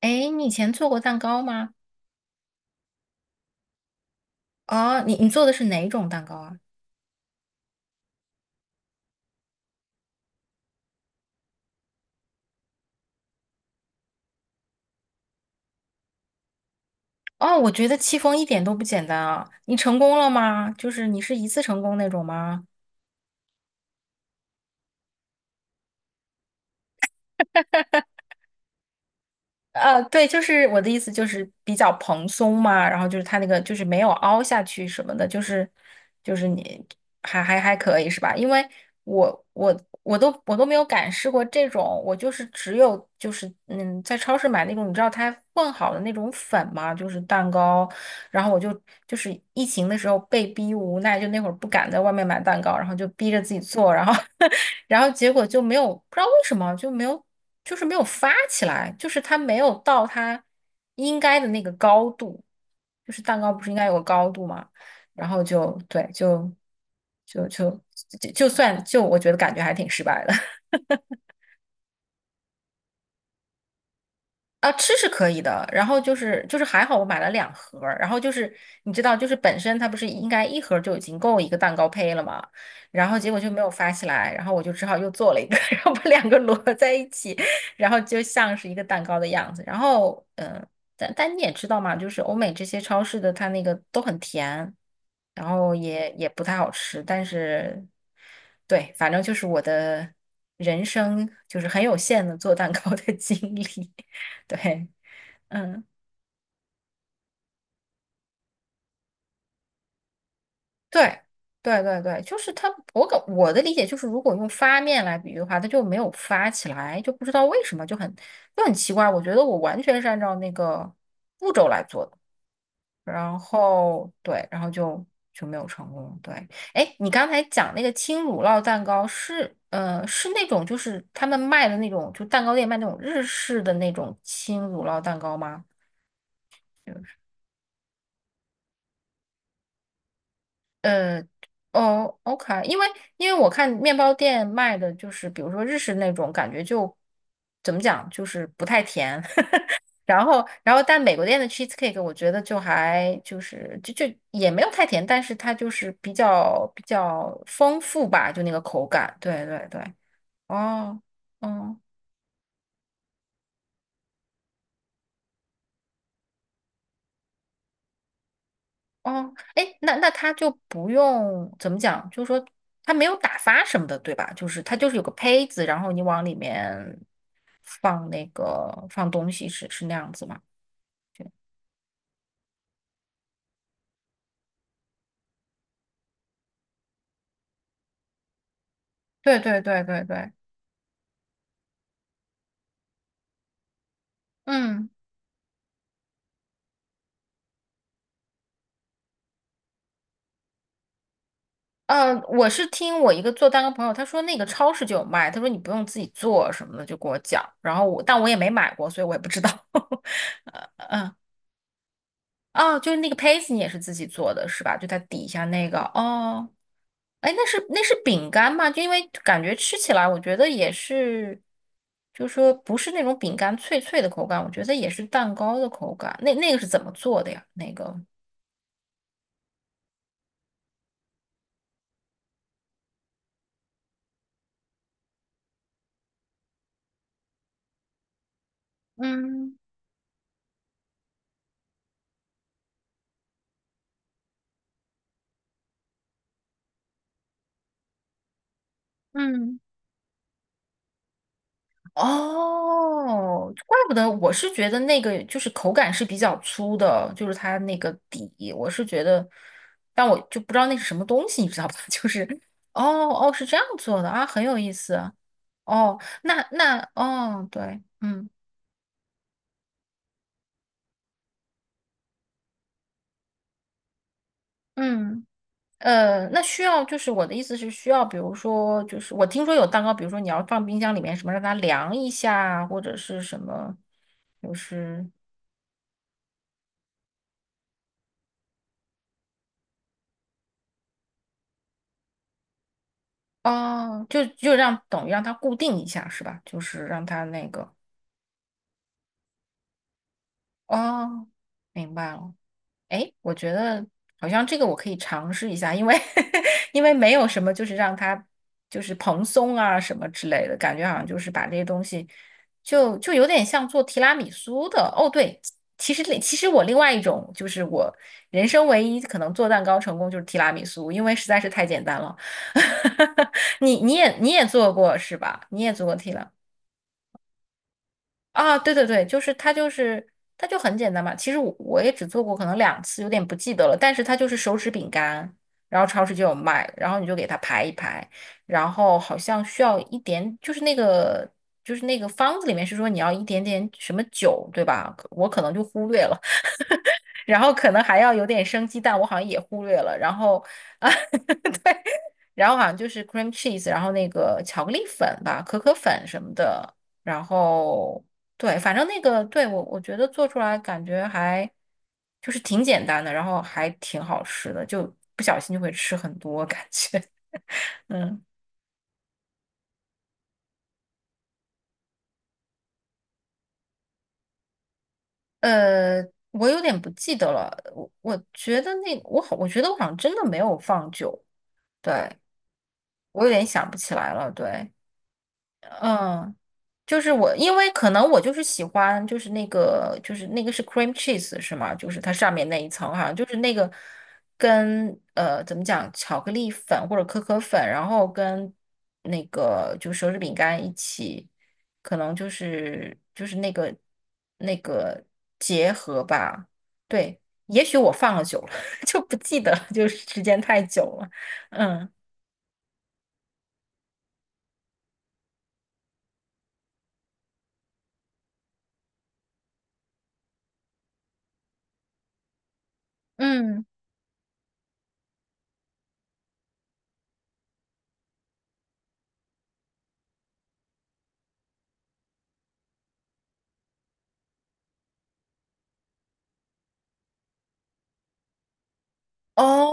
诶，你以前做过蛋糕吗？哦，你做的是哪种蛋糕啊？哦，我觉得戚风一点都不简单啊！你成功了吗？就是你是一次成功那种吗？对，就是我的意思就是比较蓬松嘛，然后就是它那个就是没有凹下去什么的，就是你还可以是吧？因为我都没有敢试过这种，我就是只有就是在超市买那种你知道它混好的那种粉嘛，就是蛋糕。然后我就就是疫情的时候被逼无奈，就那会儿不敢在外面买蛋糕，然后就逼着自己做，然后 然后结果就没有，不知道为什么就没有，就是没有发起来，就是它没有到它应该的那个高度，就是蛋糕不是应该有个高度吗？然后就对，就就就我觉得感觉还挺失败的。啊，吃是可以的，然后就是还好我买了两盒儿然后就是你知道，就是本身它不是应该一盒儿就已经够一个蛋糕胚了嘛，然后结果就没有发起来，然后我就只好又做了一个，然后把两个摞在一起，然后就像是一个蛋糕的样子。然后但你也知道嘛，就是欧美这些超市的它那个都很甜，然后也不太好吃，但是对，反正就是我的人生就是很有限的做蛋糕的经历。对，嗯，对，对对对，就是它，我的理解就是，如果用发面来比喻的话，它就没有发起来，就不知道为什么，就很奇怪。我觉得我完全是按照那个步骤来做的，然后对，然后就就没有成功。对，哎，你刚才讲那个轻乳酪蛋糕是是那种就是他们卖的那种，就蛋糕店卖那种日式的那种轻乳酪蛋糕吗？呃，哦，OK,因为因为我看面包店卖的就是，比如说日式那种，感觉就怎么讲，就是不太甜。然后，然后但美国店的 cheesecake 我觉得就还就是就就也没有太甜，但是它就是比较丰富吧，就那个口感。对对对，哦，嗯。哦，哎，那那他就不用怎么讲，就是说他没有打发什么的，对吧？就是他就是有个胚子，然后你往里面放那个放东西是，是那样子吗？就对对对对对，嗯我是听我一个做蛋糕朋友，他说那个超市就有卖，他说你不用自己做什么的，就给我讲，然后我但我也没买过，所以我也不知道。哦，就是那个胚子，你也是自己做的是吧？就它底下那个哦，哎，那是饼干吗？就因为感觉吃起来，我觉得也是，就是说不是那种饼干脆脆的口感，我觉得也是蛋糕的口感。那那个是怎么做的呀？那个嗯嗯。哦，怪不得我是觉得那个就是口感是比较粗的，就是它那个底，我是觉得，但我就不知道那是什么东西，你知道吧？就是哦哦是这样做的啊，很有意思哦。那那哦对，嗯那需要就是我的意思是需要，比如说就是我听说有蛋糕，比如说你要放冰箱里面什么让它凉一下啊，或者是什么，就是。哦，就就让等于让它固定一下是吧？就是让它那个哦，明白了。哎，我觉得好像这个我可以尝试一下，因为 因为没有什么就是让它就是蓬松啊什么之类的感觉，好像就是把这些东西就就有点像做提拉米苏的。哦，对，其实我另外一种就是我人生唯一可能做蛋糕成功就是提拉米苏，因为实在是太简单了。你也做过是吧？你也做过提拉。啊，对对对，就是它就是它就很简单嘛。其实我也只做过可能两次，有点不记得了。但是它就是手指饼干，然后超市就有卖，然后你就给它排一排，然后好像需要一点，就是那个就是那个方子里面是说你要一点点什么酒，对吧？可我可能就忽略了，然后可能还要有点生鸡蛋，我好像也忽略了，然后啊。然后好像就是 cream cheese,然后那个巧克力粉吧，可可粉什么的，然后对，反正那个对我觉得做出来感觉还就是挺简单的，然后还挺好吃的，就不小心就会吃很多感觉，嗯，呃，我有点不记得了，我觉得那我好，我觉得我好像真的没有放酒，对，我有点想不起来了，对。嗯，就是我，因为可能我就是喜欢，就是那个，就是那个是 cream cheese 是吗？就是它上面那一层，哈，就是那个跟怎么讲，巧克力粉或者可可粉，然后跟那个就手指饼干一起，可能就是那个结合吧。对，也许我放了久了，就不记得了，就是时间太久了。嗯。嗯，哦。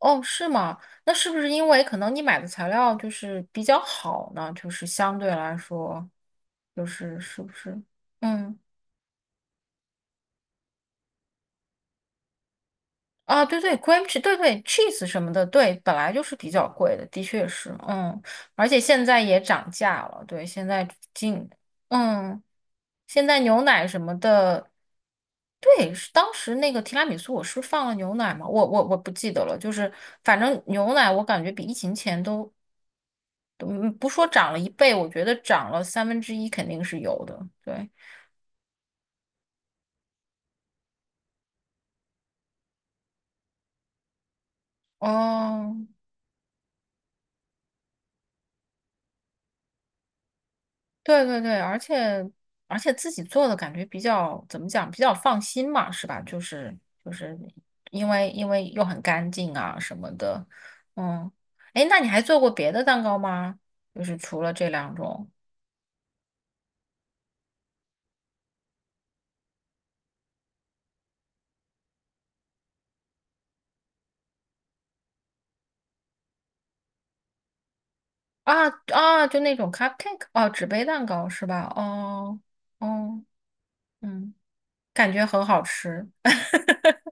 哦，是吗？那是不是因为可能你买的材料就是比较好呢？就是相对来说，就是是不是？嗯，啊，对对，cream cheese,对对，cheese 什么的，对，本来就是比较贵的，的确是，嗯，而且现在也涨价了，对，现在进，嗯，现在牛奶什么的，对，是当时那个提拉米苏，我是放了牛奶吗？我不记得了，就是反正牛奶我感觉比疫情前都。嗯，不说涨了一倍，我觉得涨了三分之一肯定是有的。对，哦，对对对，而且自己做的感觉比较怎么讲，比较放心嘛，是吧？就是就是因为又很干净啊什么的。嗯，哎，那你还做过别的蛋糕吗？就是除了这两种啊啊，就那种 cupcake 哦，纸杯蛋糕是吧？哦哦，嗯，感觉很好吃。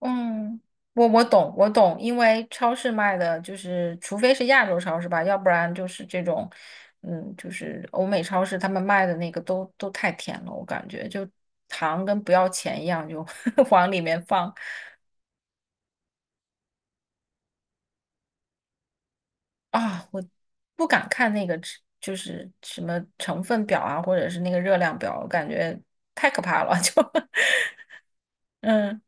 嗯，我懂，我懂，因为超市卖的就是，除非是亚洲超市吧，要不然就是这种，嗯，就是欧美超市他们卖的那个都都太甜了，我感觉就糖跟不要钱一样，就 往里面放啊，我不敢看那个吃就是什么成分表啊，或者是那个热量表，我感觉太可怕了，就 嗯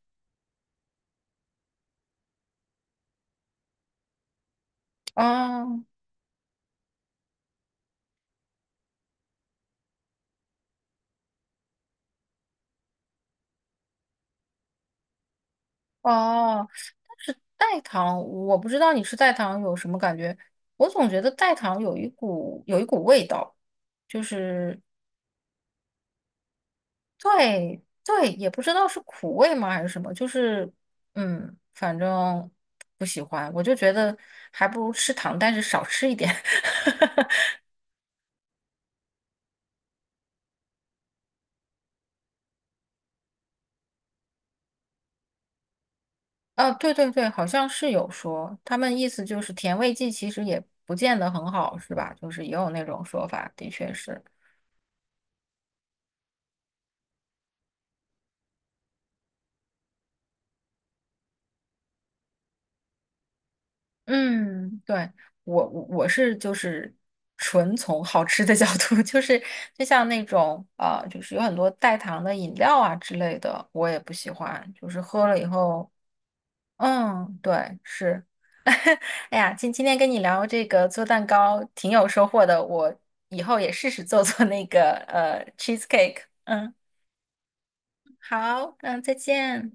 啊。哦哦，但是代糖，我不知道你吃代糖有什么感觉，我总觉得代糖有一股味道，就是对对，也不知道是苦味吗还是什么，就是嗯，反正不喜欢，我就觉得还不如吃糖，但是少吃一点。啊，对对对，好像是有说，他们意思就是甜味剂其实也不见得很好，是吧？就是也有那种说法，的确是。嗯，对，我是就是纯从好吃的 角度，就是就像那种就是有很多代糖的饮料啊之类的，我也不喜欢，就是喝了以后，嗯，对，是，哎呀，今天跟你聊这个做蛋糕挺有收获的，我以后也试试做做那个cheesecake,嗯，好，嗯，再见。